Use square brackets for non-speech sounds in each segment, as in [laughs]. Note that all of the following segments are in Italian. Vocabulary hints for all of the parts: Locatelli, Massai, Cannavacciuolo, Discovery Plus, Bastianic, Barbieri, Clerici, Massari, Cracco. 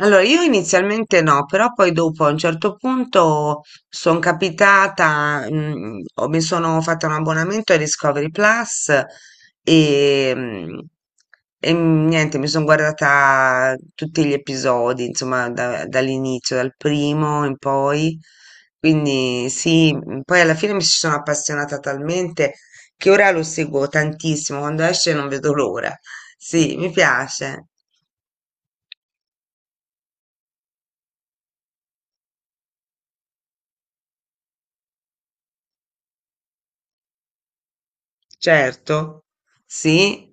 Allora, io inizialmente no, però poi dopo a un certo punto sono capitata, mi sono fatta un abbonamento ai Discovery Plus e, niente, mi sono guardata tutti gli episodi, insomma, dall'inizio, dal primo in poi. Quindi sì, poi alla fine mi ci sono appassionata talmente che ora lo seguo tantissimo, quando esce non vedo l'ora. Sì, mi piace. Certo, sì,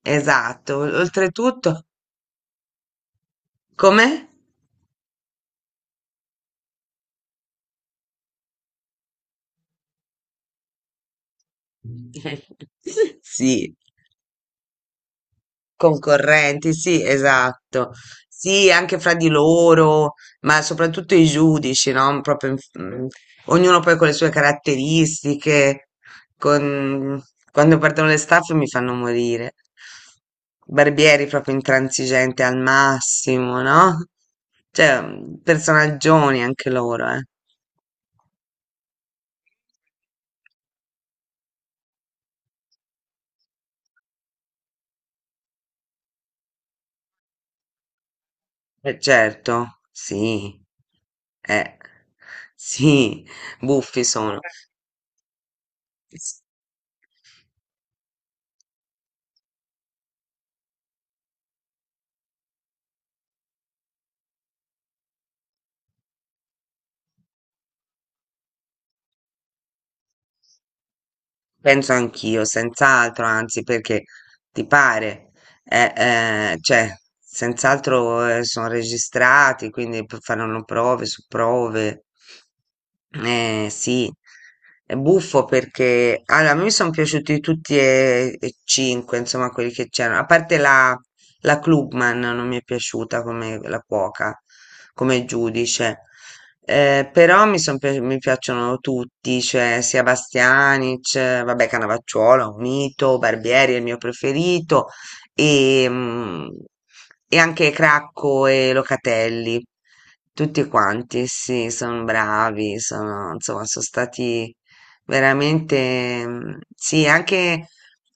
esatto. Oltretutto, come? [laughs] Sì, concorrenti, sì, esatto. Sì, anche fra di loro, ma soprattutto i giudici, no? Proprio, ognuno poi con le sue caratteristiche. con- Quando perdono le staffe mi fanno morire. Barbieri proprio intransigente al massimo, no? Cioè, personaggioni anche loro, eh. Eh certo, sì. Eh, sì, buffi sono. S- Penso anch'io, senz'altro, anzi, perché ti pare, cioè, senz'altro sono registrati, quindi faranno prove su prove. Sì, è buffo perché allora, a me sono piaciuti tutti e cinque, insomma, quelli che c'erano, a parte la. La Clubman non mi è piaciuta come la cuoca, come giudice. Però mi, son pi- mi piacciono tutti, cioè sia Bastianic, vabbè Cannavacciuolo, un mito, Barbieri è il mio preferito e, e anche Cracco e Locatelli, tutti quanti, sì, sono bravi, sono, insomma, sono stati veramente, sì, anche...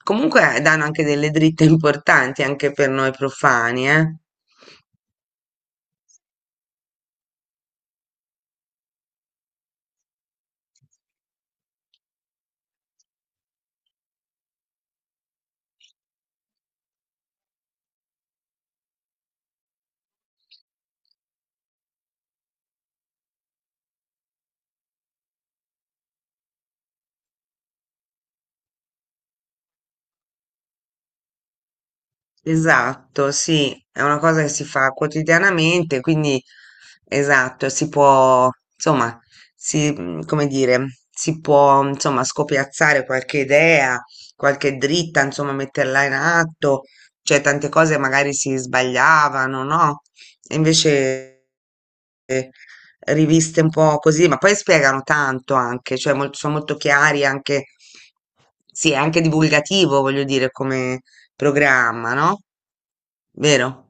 Comunque danno anche delle dritte importanti anche per noi profani, eh. Esatto, sì, è una cosa che si fa quotidianamente, quindi esatto, si può, insomma, si, come dire, si può, insomma, scopiazzare qualche idea, qualche dritta, insomma, metterla in atto, cioè tante cose magari si sbagliavano, no? E invece eh, riviste un po' così, ma poi spiegano tanto anche, cioè sono molto chiari anche, sì, è anche divulgativo, voglio dire, come, programma, no? Vero?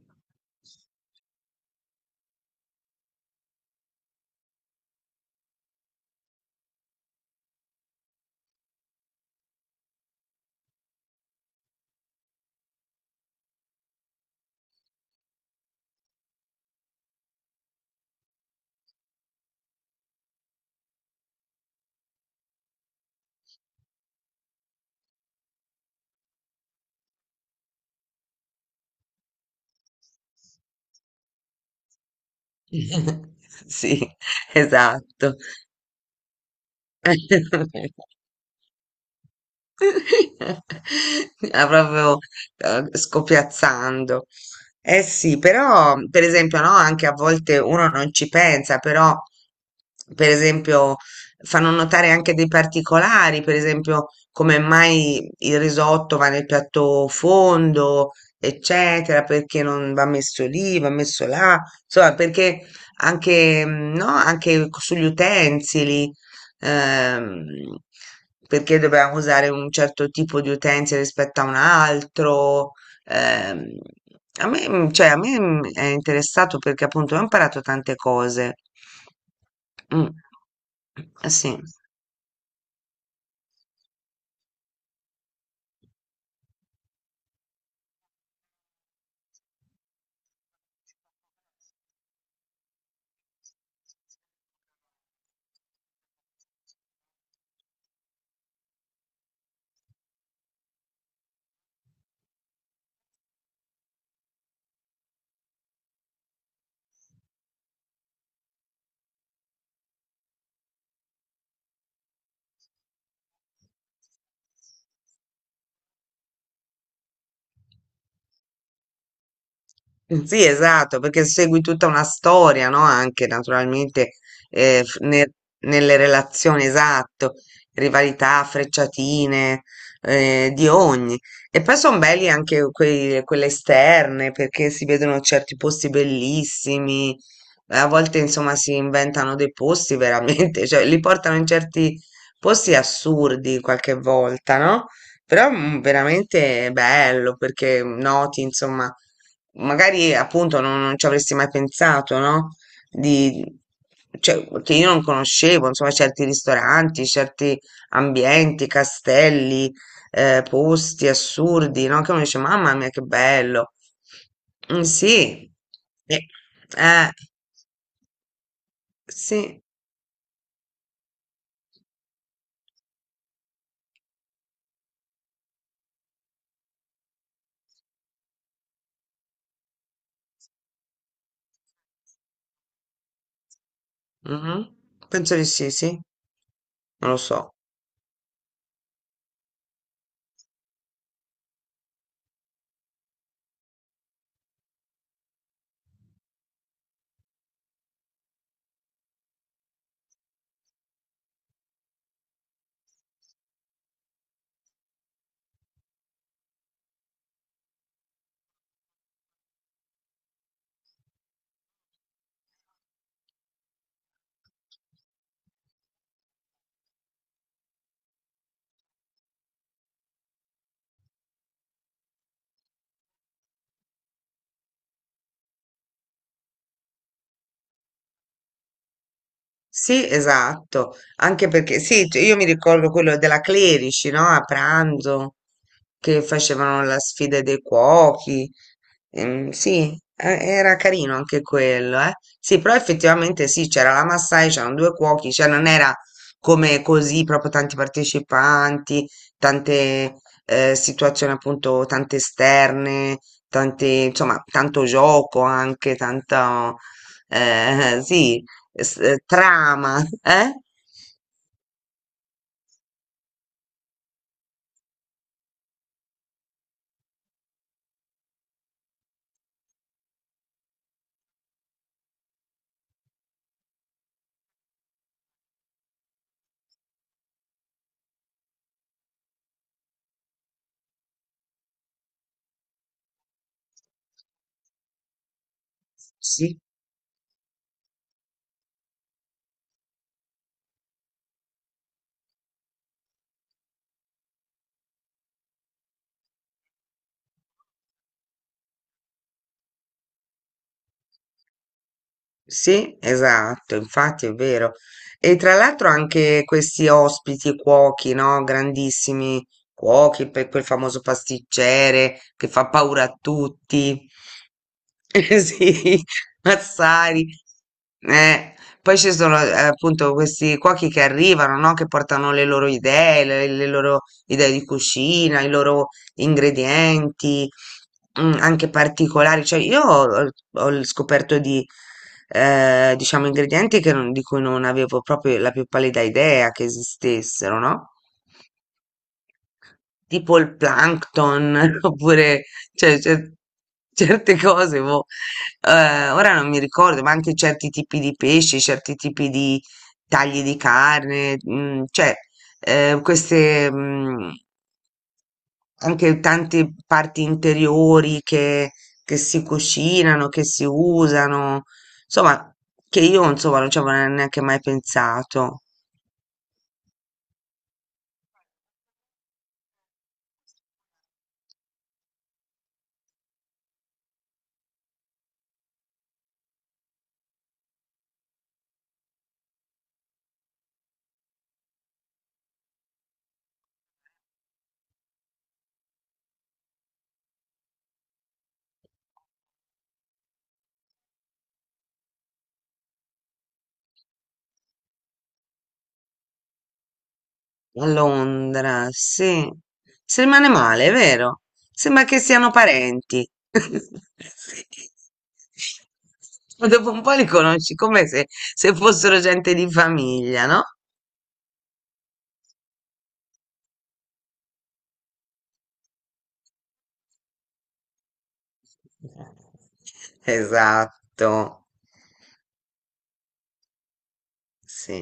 [laughs] Sì, esatto. [laughs] [laughs] Ah, proprio, scopiazzando. Eh sì, però per esempio, no, anche a volte uno non ci pensa, però per esempio fanno notare anche dei particolari, per esempio come mai il risotto va nel piatto fondo, eccetera, perché non va messo lì, va messo là, insomma perché anche, no, anche co sugli utensili ehm, perché dovevamo usare un certo tipo di utenze rispetto a un altro. ehm, cioè, è interessato perché appunto ho imparato tante cose. Mm, eh sì. Sì, esatto, perché segui tutta una storia, no? Anche naturalmente eh, f- ne- nelle relazioni, esatto, rivalità, frecciatine, di ogni. E poi sono belli anche quelle esterne, perché si vedono certi posti bellissimi, a volte insomma si inventano dei posti veramente, [laughs] cioè li portano in certi posti assurdi qualche volta, no? Però veramente bello perché noti, insomma, magari appunto non ci avresti mai pensato, no? Di, cioè, che io non conoscevo, insomma, certi ristoranti, certi ambienti, castelli, posti assurdi, no? Che uno dice, mamma mia, che bello. Mm, sì, eh, eh, sì, mhm. Penso di sì, sì, non lo so. Sì, esatto, anche perché sì, cioè, io mi ricordo quello della Clerici, no? A pranzo che facevano la sfida dei cuochi. Sì, era carino anche quello, eh. Sì, però effettivamente sì, c'era la Massai, c'erano due cuochi, cioè non era come così proprio tanti partecipanti, tante situazioni appunto, tante esterne, tante, insomma, tanto gioco anche, tanto [laughs] sì trama, eh? Sì, sì, esatto, infatti è vero. E tra l'altro anche questi ospiti cuochi, no? Grandissimi cuochi, per quel famoso pasticcere che fa paura a tutti. [laughs] Sì, Massari. Eh, Poi ci sono appunto questi cuochi che arrivano, no? Che portano le loro idee, le loro idee di cucina, i loro ingredienti, anche particolari. Cioè, ho scoperto di, diciamo, ingredienti che non- di cui non avevo proprio la più pallida idea che esistessero, no? Tipo il plankton, [laughs] oppure cioè, certe cose, boh. Ora non mi ricordo, ma anche certi tipi di pesci, certi tipi di tagli di carne, cioè eh, queste mm, anche tante parti interiori che si cucinano, che si usano, insomma, che io insomma non ci avevo neanche mai pensato. A Londra, sì. Si rimane male, è vero? Sembra che siano parenti. [laughs] Ma dopo un po' li conosci come se, se fossero gente di famiglia, no? Esatto, sì.